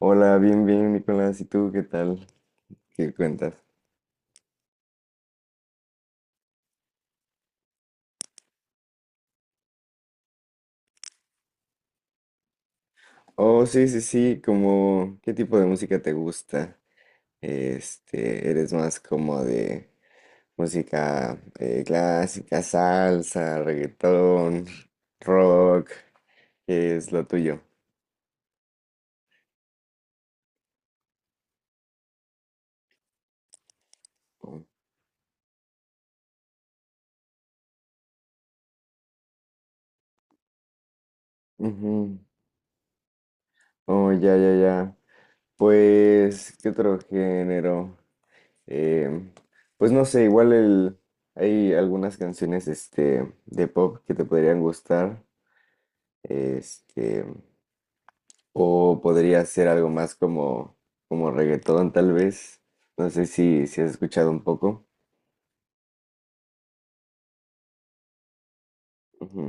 Hola, bien, bien, Nicolás. ¿Y tú qué tal? ¿Qué cuentas? Oh, sí, sí, sí, ¿qué tipo de música te gusta? ¿Eres más como de música clásica, salsa, reggaetón, rock? ¿Qué es lo tuyo? Oh, ujú. Oh, ya, ya, ya. Pues, ¿qué otro género? Em, pues no sé, hay algunas canciones de pop que te podrían gustar. Este, o podría ser algo más como reggaetón, tal vez. No sé si has escuchado un poco. Ujú.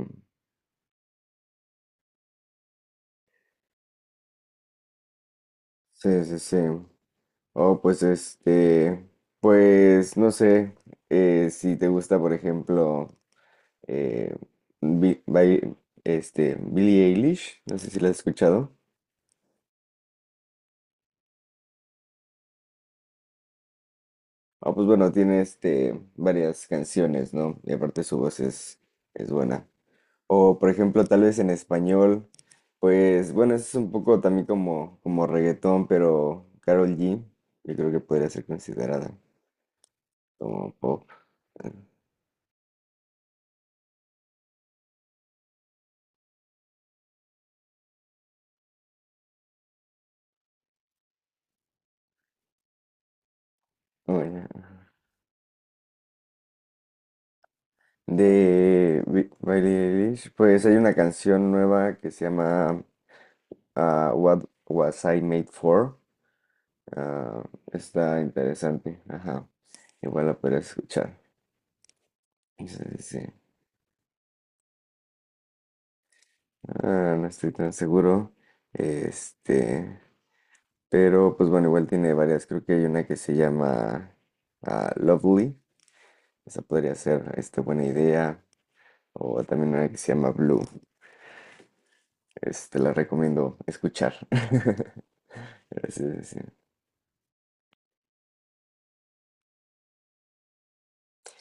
Sí, sí, sí. Oh, pues pues no sé si te gusta, por ejemplo, eh, Bi- Bai- Billie Eilish, no sé si la has escuchado. Ah, pues bueno, tiene varias canciones, ¿no? Y aparte su voz es buena. O, por ejemplo, tal vez en español, pues bueno, eso es un poco también como reggaetón, pero Karol G, yo creo que podría ser considerada como pop. eh, bueno. De Billie Eilish, pues hay una canción nueva que se llama What Was I Made For. Ah, está interesante, ajá. Igual la podría escuchar. Sí, sí, sí. Ah, no estoy tan seguro. Este. Pero pues bueno, igual tiene varias. Creo que hay una que se llama Lovely. Esa podría ser buena idea. O también una que se llama Blue. La recomiendo escuchar. Pero sí, sí, sí.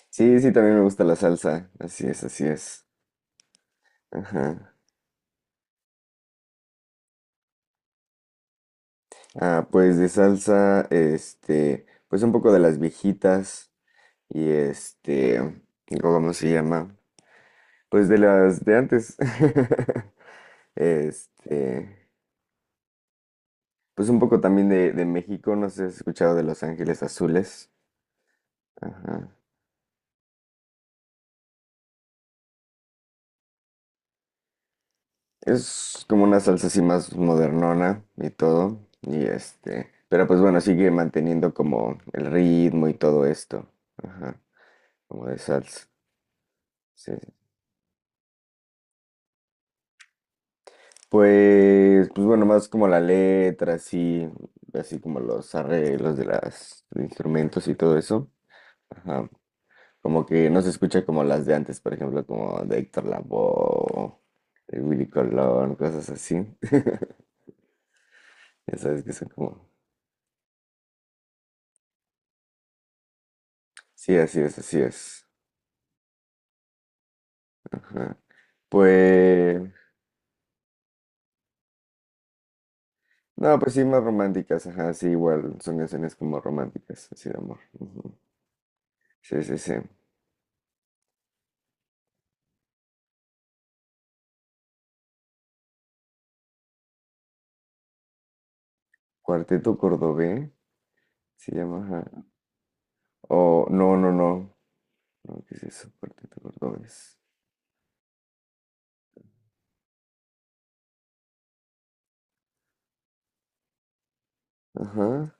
Sí, sí, también me gusta la salsa. Así es, así es. Ajá. Ah, pues de salsa, pues un poco de las viejitas. Y digo, ¿cómo se llama? Pues de las de antes. Este. Pues un poco también de México, no sé si has escuchado de Los Ángeles Azules. Ajá. Es como una salsa así más modernona y todo. Y pero pues bueno, sigue manteniendo como el ritmo y todo esto. Ajá. Como de salsa. Sí, sí. Pues, pues bueno, más como la letra, así, así como los arreglos de los instrumentos y todo eso. Ajá. Como que no se escucha como las de antes, por ejemplo, como de Héctor Lavoe, de Willy Colón, cosas así. Ya sabes que son como... Sí, así es, así es. Ajá. Pues... No, pues sí, más románticas, ajá, sí, igual, son canciones como románticas, así de amor. Ujú. Sí, sí, sí. Cuarteto Cordobés, se llama, ajá. O, no, no, no. No, ¿qué es eso? Cuarteto Cordobés. Ajá.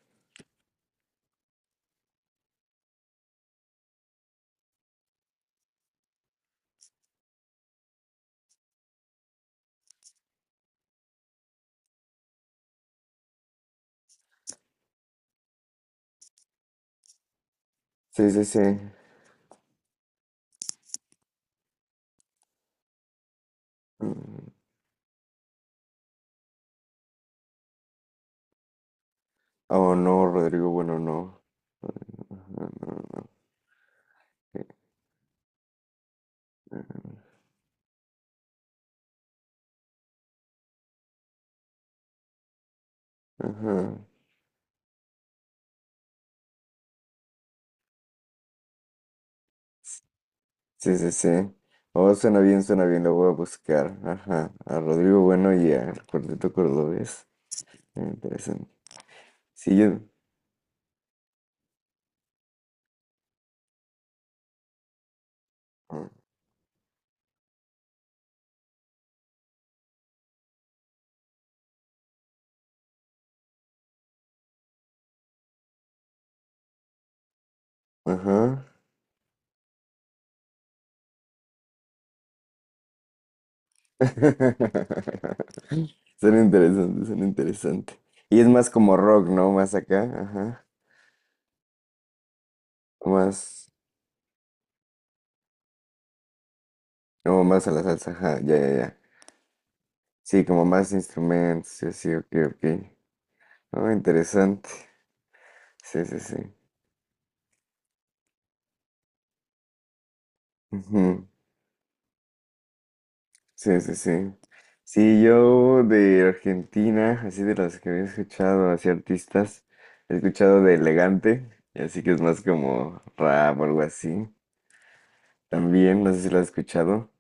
Sí, sí, sí. Mm. Oh, no, Rodrigo, bueno, no. Ajá, no, no, ok, ajá. Sí, sí, sí. Oh, suena bien, lo voy a buscar. Ajá, a Rodrigo Bueno y a El Cuarteto Cordobés. Interesante. Sí, yo. Ajá. Suena interesante, suena interesante. Y es más como rock, ¿no? Más acá, ajá. Más, no, más a la salsa, ajá, ya, ya, ya. Sí, como más instrumentos, sí, sí, ok, ok. Oh, interesante. Sí, sí, sí. Ujú, sí, sí, sí. Sí, yo de Argentina, así de las que había escuchado, así artistas, he escuchado de Elegante, y así que es más como rap o algo así. También, no sé si lo has escuchado.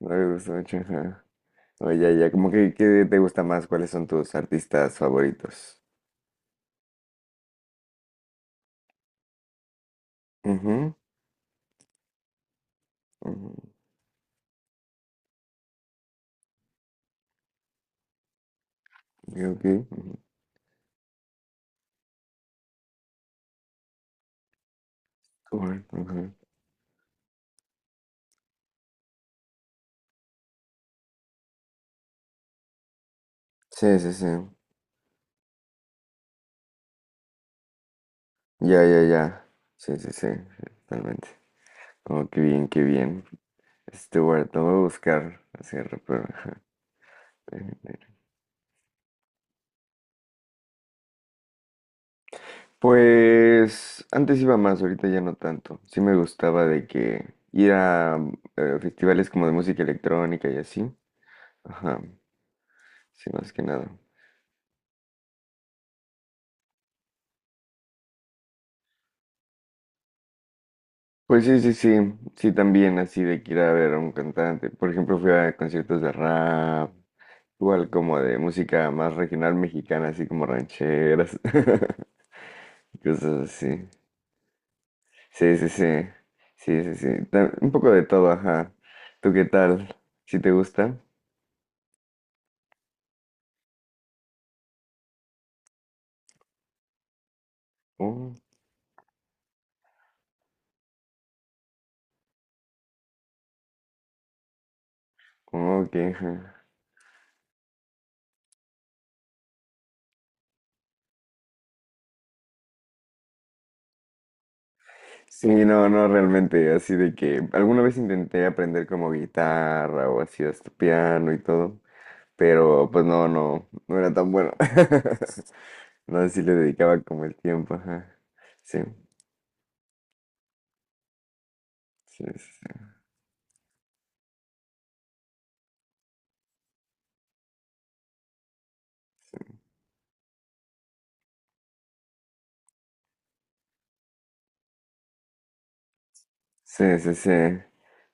No me gusta mucho, ajá. Oye, ya, como que, ¿qué te gusta más? ¿Cuáles son tus artistas favoritos? Ujú, ujú, y ok, ujú, cool, ujú. Sí, sí, sí. Ya, ya, ya. Sí, sí, sí, sí, totalmente. Oh, qué bien, qué bien. Stewart, lo voy a buscar hacia pero ajá, déjenme ver. Pues antes iba más, ahorita ya no tanto. Sí me gustaba de que ir a festivales como de música electrónica y así. Ajá, sí, más que nada. Pues sí, sí, sí, sí, también así de que ir a ver a un cantante. Por ejemplo, fui a conciertos de rap, igual como de música más regional mexicana, así como rancheras, cosas así. Sí, sí, sí. Sí, sí, sí. Un poco de todo, ajá. ¿Tú qué tal? ¿Sí te gusta? Oh, oh, ok, ajá. Sí, no, no, realmente, así de que alguna vez intenté aprender como guitarra o así hasta piano y todo, pero pues no, no, no era tan bueno. No, sí le dedicaba como el tiempo, ajá. Sí, sí, sí. Sí, sí, sí, sí.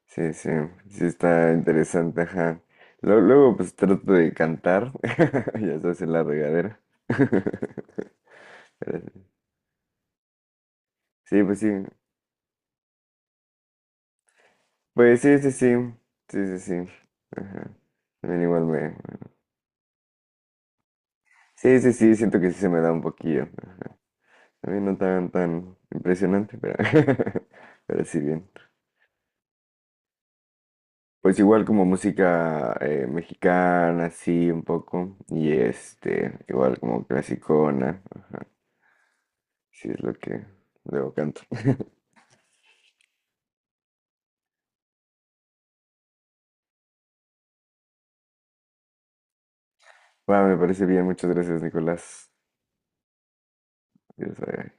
Sí, sí, sí está interesante, ajá. Luego, luego, pues trato de cantar, ya sabes, en la regadera. Pero sí, sí, pues sí, pues sí, sí, sí, sí, sí, sí, ajá. También igual me... bueno. Sí, sí, sí, siento que sí se me da un poquillo, ajá. También no tan, tan impresionante, pero, pero sí bien. Pues igual como música mexicana, sí, un poco, y igual como clasicona. Sí, es lo que luego canto. Va, me parece bien. Muchas gracias, Nicolás. Adiós, bye.